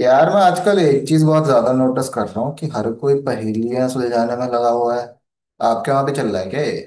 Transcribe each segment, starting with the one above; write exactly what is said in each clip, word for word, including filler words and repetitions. यार मैं आजकल एक चीज बहुत ज्यादा नोटिस कर रहा हूँ कि हर कोई पहेलियां सुलझाने में लगा हुआ है। आपके वहां पे चल रहा है क्या ये?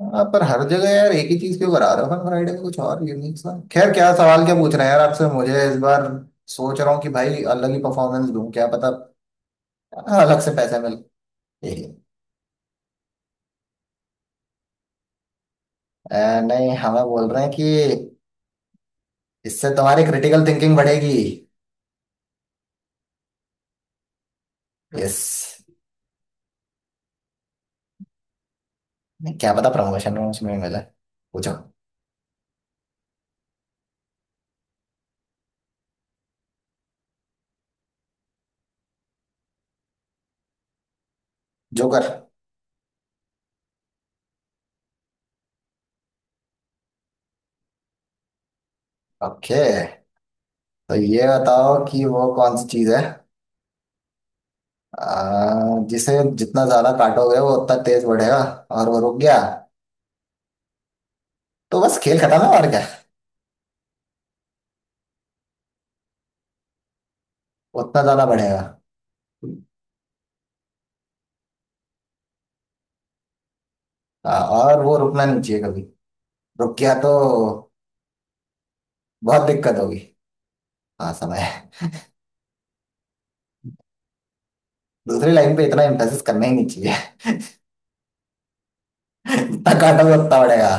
हाँ, पर हर जगह यार एक ही चीज क्यों करा रहे हो हर फ्राइडे को कुछ और यूनिक सा। खैर क्या सवाल क्या पूछ रहे हैं यार आपसे मुझे इस बार। सोच रहा हूँ कि भाई अलग ही परफॉर्मेंस दूं क्या पता। हाँ, अलग से पैसा मिले। अ, नहीं हमें बोल रहे हैं कि इससे तुम्हारी क्रिटिकल थिंकिंग बढ़ेगी। यस। क्या पता प्रमोशन प्रमोशन में मिले। पूछो। जोकर। ओके। तो ये बताओ कि वो कौन सी चीज है आ, जिसे जितना ज्यादा काटोगे वो उतना तेज बढ़ेगा। और वो रुक गया तो बस खेल खत्म है और क्या। उतना ज्यादा बढ़ेगा। आ, और वो रुकना नहीं चाहिए कभी। रुक गया तो बहुत दिक्कत होगी। हाँ समय। दूसरी लाइन पे इतना एम्फेसिस करना ही नहीं चाहिए। जितना काटोगे उतना बढ़ेगा।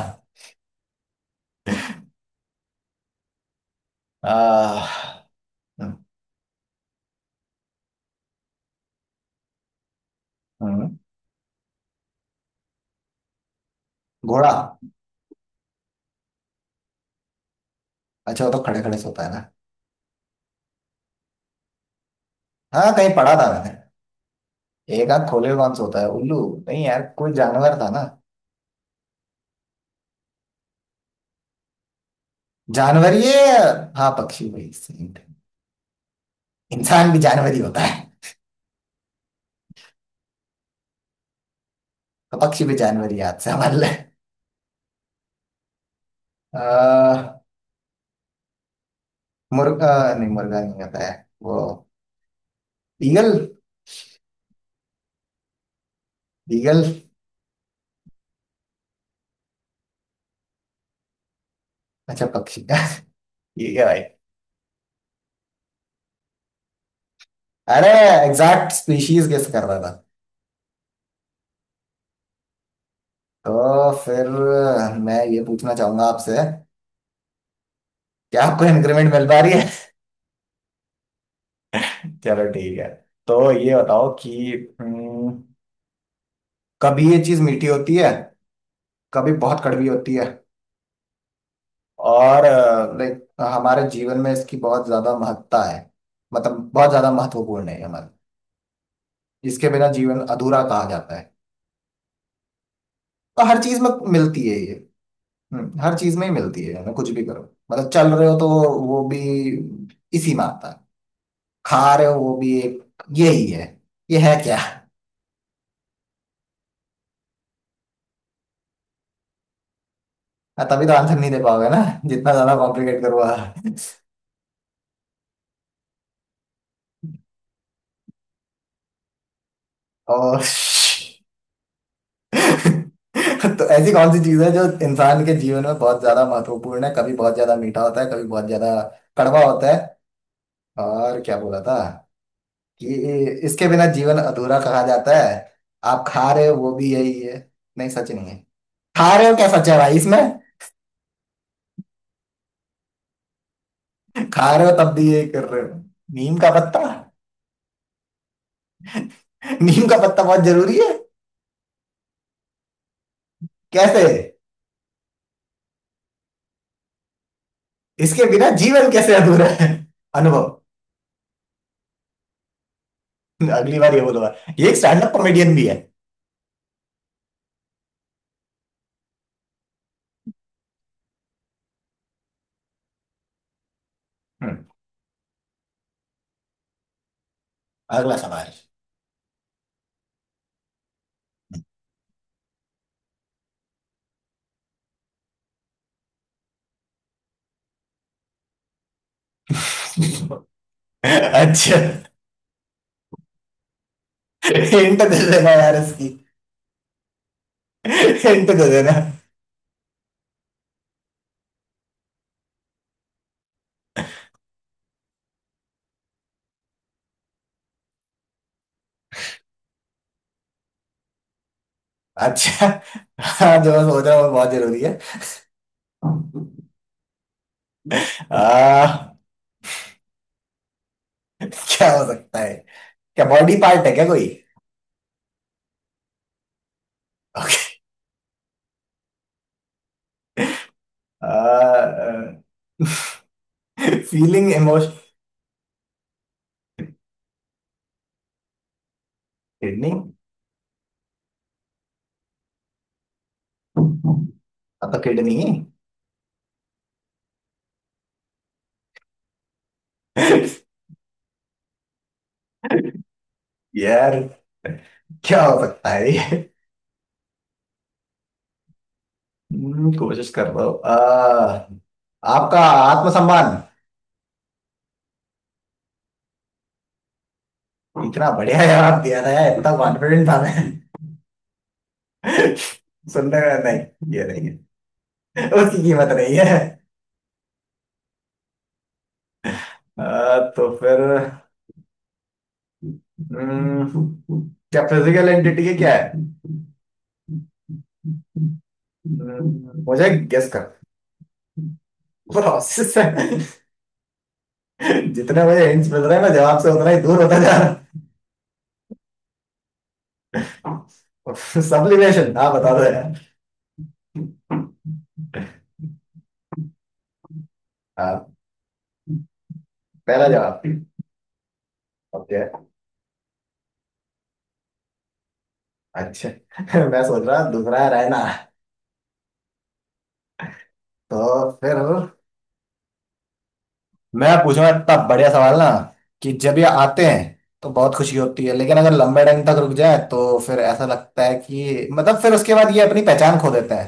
आ, हम्म। हम्म। घोड़ा। अच्छा वो तो खड़े खड़े सोता है ना। हाँ कहीं पढ़ा था मैंने। एक आंख खोले हुए कौन सोता है? उल्लू। नहीं यार कोई जानवर था ना। जानवर ये। हाँ पक्षी वही सही है। इंसान भी जानवर ही होता है। तो पक्षी भी जानवर ही याद से हमारे लिए। अह, मुर्गा। नहीं मुर्गा नहीं होता है। वो ईगल। ईगल। अच्छा पक्षी का। ठीक है भाई। अरे एग्जैक्ट स्पीशीज गेस कर रहा था। तो फिर मैं ये पूछना चाहूंगा आपसे, क्या आपको इंक्रीमेंट मिल पा रही है? चलो ठीक है। तो ये बताओ कि हम्म, कभी ये चीज मीठी होती है कभी बहुत कड़वी होती है। और लाइक हमारे जीवन में इसकी बहुत ज्यादा महत्ता है। मतलब बहुत ज्यादा महत्वपूर्ण है ये हमारा। इसके बिना जीवन अधूरा कहा जाता है। तो हर चीज में मिलती है ये। हम्म, हर चीज में ही मिलती है ना कुछ भी करो। मतलब चल रहे हो तो वो भी इसी में आता है। खा रहे हो वो भी एक। ये ही है। ये है क्या? हाँ, तभी तो आंसर नहीं दे पाओगे ना। जितना ज्यादा कॉम्प्लिकेट करूंगा और। तो ऐसी कौन सी चीज है जो इंसान के जीवन में बहुत ज्यादा महत्वपूर्ण है? कभी बहुत ज्यादा मीठा होता है कभी बहुत ज्यादा कड़वा होता है। और क्या बोला था कि इसके बिना जीवन अधूरा कहा जाता है। आप खा रहे हो वो भी यही है। नहीं सच नहीं है। खा रहे हो क्या सच है भाई इसमें। खा रहे हो तब भी यही कर रहे हो। नीम का पत्ता। नीम का पत्ता बहुत जरूरी है। कैसे? इसके बिना जीवन कैसे अधूरा है? अनुभव। अगली बार ये बोलूंगा ये एक स्टैंड अप कॉमेडियन भी है। हम्म, अगला सवाल। अच्छा हिंट दे देना यार इसकी। हिंट दे देना। अच्छा हाँ जो मैं सोच रहा हूँ वो बहुत जरूरी है। आ, क्या हो सकता है? क्या बॉडी पार्ट है क्या कोई? Feeling emotion. किडनी हाँ। तो किडनी। यार क्या हो सकता है ये? हम्म, कोशिश कर रहा हूँ आ, आपका आत्मसम्मान। इतना बढ़िया जवाब दिया था यार, इतना कॉन्फिडेंट था मैं। सुनने में नहीं ये नहीं है। उसकी कीमत नहीं है। आ, तो फिर हम्म, क्या फिजिकल एंटिटी है क्या है? हम्म, मुझे गेस कर। प्रोसेस है। जितने मुझे हिंट्स मिल रहे हैं मैं जवाब से उतना ही दूर होता जा रहा हूँ। सब्लिमेशन हाँ बता दो यार। हाँ। पहला जवाब। ओके। अच्छा मैं सोच रहा दूसरा है रहना। तो फिर मैं पूछूंगा इतना बढ़िया सवाल ना कि जब ये आते हैं तो बहुत खुशी होती है लेकिन अगर लंबे टाइम तक रुक जाए तो फिर ऐसा लगता है कि मतलब फिर उसके बाद ये अपनी पहचान खो देता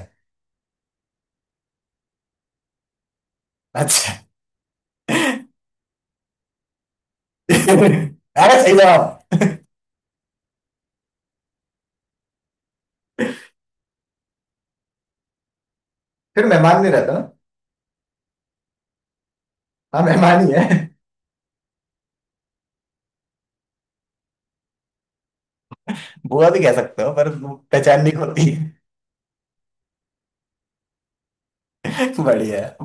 है। अरे सही जवाब। फिर मेहमान नहीं रहता ना। हाँ मेहमान ही है। बुआ भी कह सकते हो पर वो पहचान नहीं होती। बढ़िया है।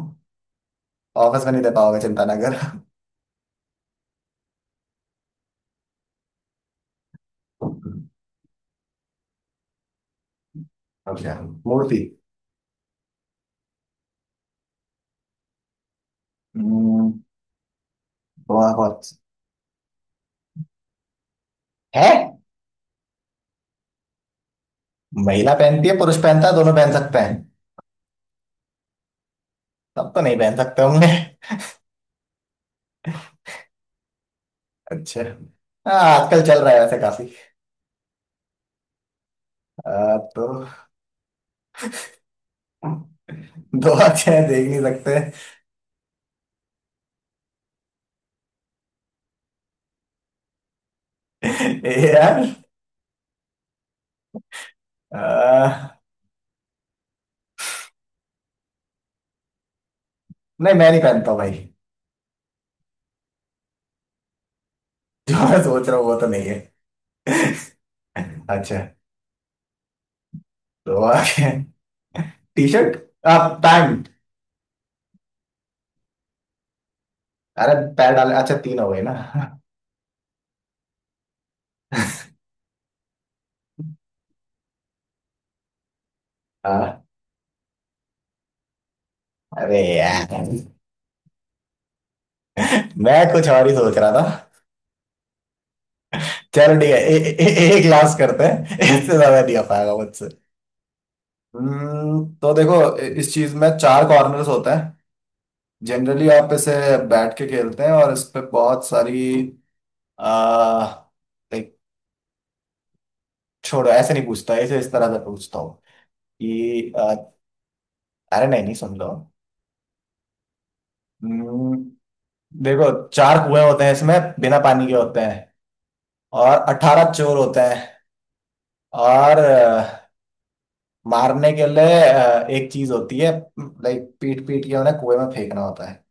ऑफिस में नहीं दे पाओगे चिंता ना कर। अब क्या? मूर्ति। हम्म, बुआ बहुत है। महिला पहनती है पुरुष पहनता है दोनों पहन सकते हैं। सब तो नहीं पहन सकते होंगे। अच्छा हाँ आजकल चल रहा है वैसे काफी। आ, तो दो अच्छे हैं, देख नहीं सकते ए यार। आ, नहीं मैं नहीं पहनता हूँ भाई। जो मैं सोच रहा हूँ वो तो नहीं है। अच्छा। तो टी शर्ट। आप पैंट। अरे पैर डाले अच्छा तीन हो गए ना। हाँ। अरे यार मैं कुछ और ही सोच रहा था। चलो ठीक है ए, ए, ए, एक लास्ट करते हैं इससे ज्यादा नहीं हो पाएगा मुझसे। हम्म, तो देखो इ- इस चीज में चार कॉर्नर्स होते हैं। जनरली आप इसे बैठ के खेलते हैं और इस पे बहुत सारी आ, एक। छोड़ो ऐसे नहीं पूछता, इसे इस तरह से पूछता हूँ कि आ, अरे नहीं नहीं सुन लो। हम्म, देखो चार कुएं होते हैं इसमें। बिना पानी के होते हैं और अठारह चोर होते हैं। और अ, मारने के लिए अ, एक चीज होती है, लाइक पीट पीट के उन्हें कुएं में फेंकना होता है।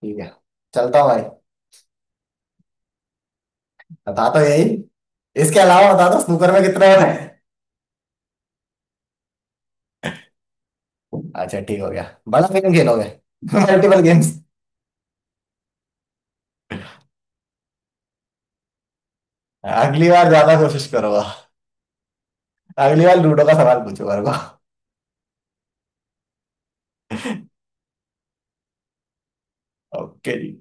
ठीक है चलता हूँ भाई। बता तो यही। इसके अलावा बता दो स्नूकर में कितने होते हैं। अच्छा ठीक हो गया बड़ा गेम खेलोगे मल्टीपल गेम्स। अगली बार ज्यादा कोशिश करूंगा। अगली बार लूडो का सवाल पूछूंगा। ओके।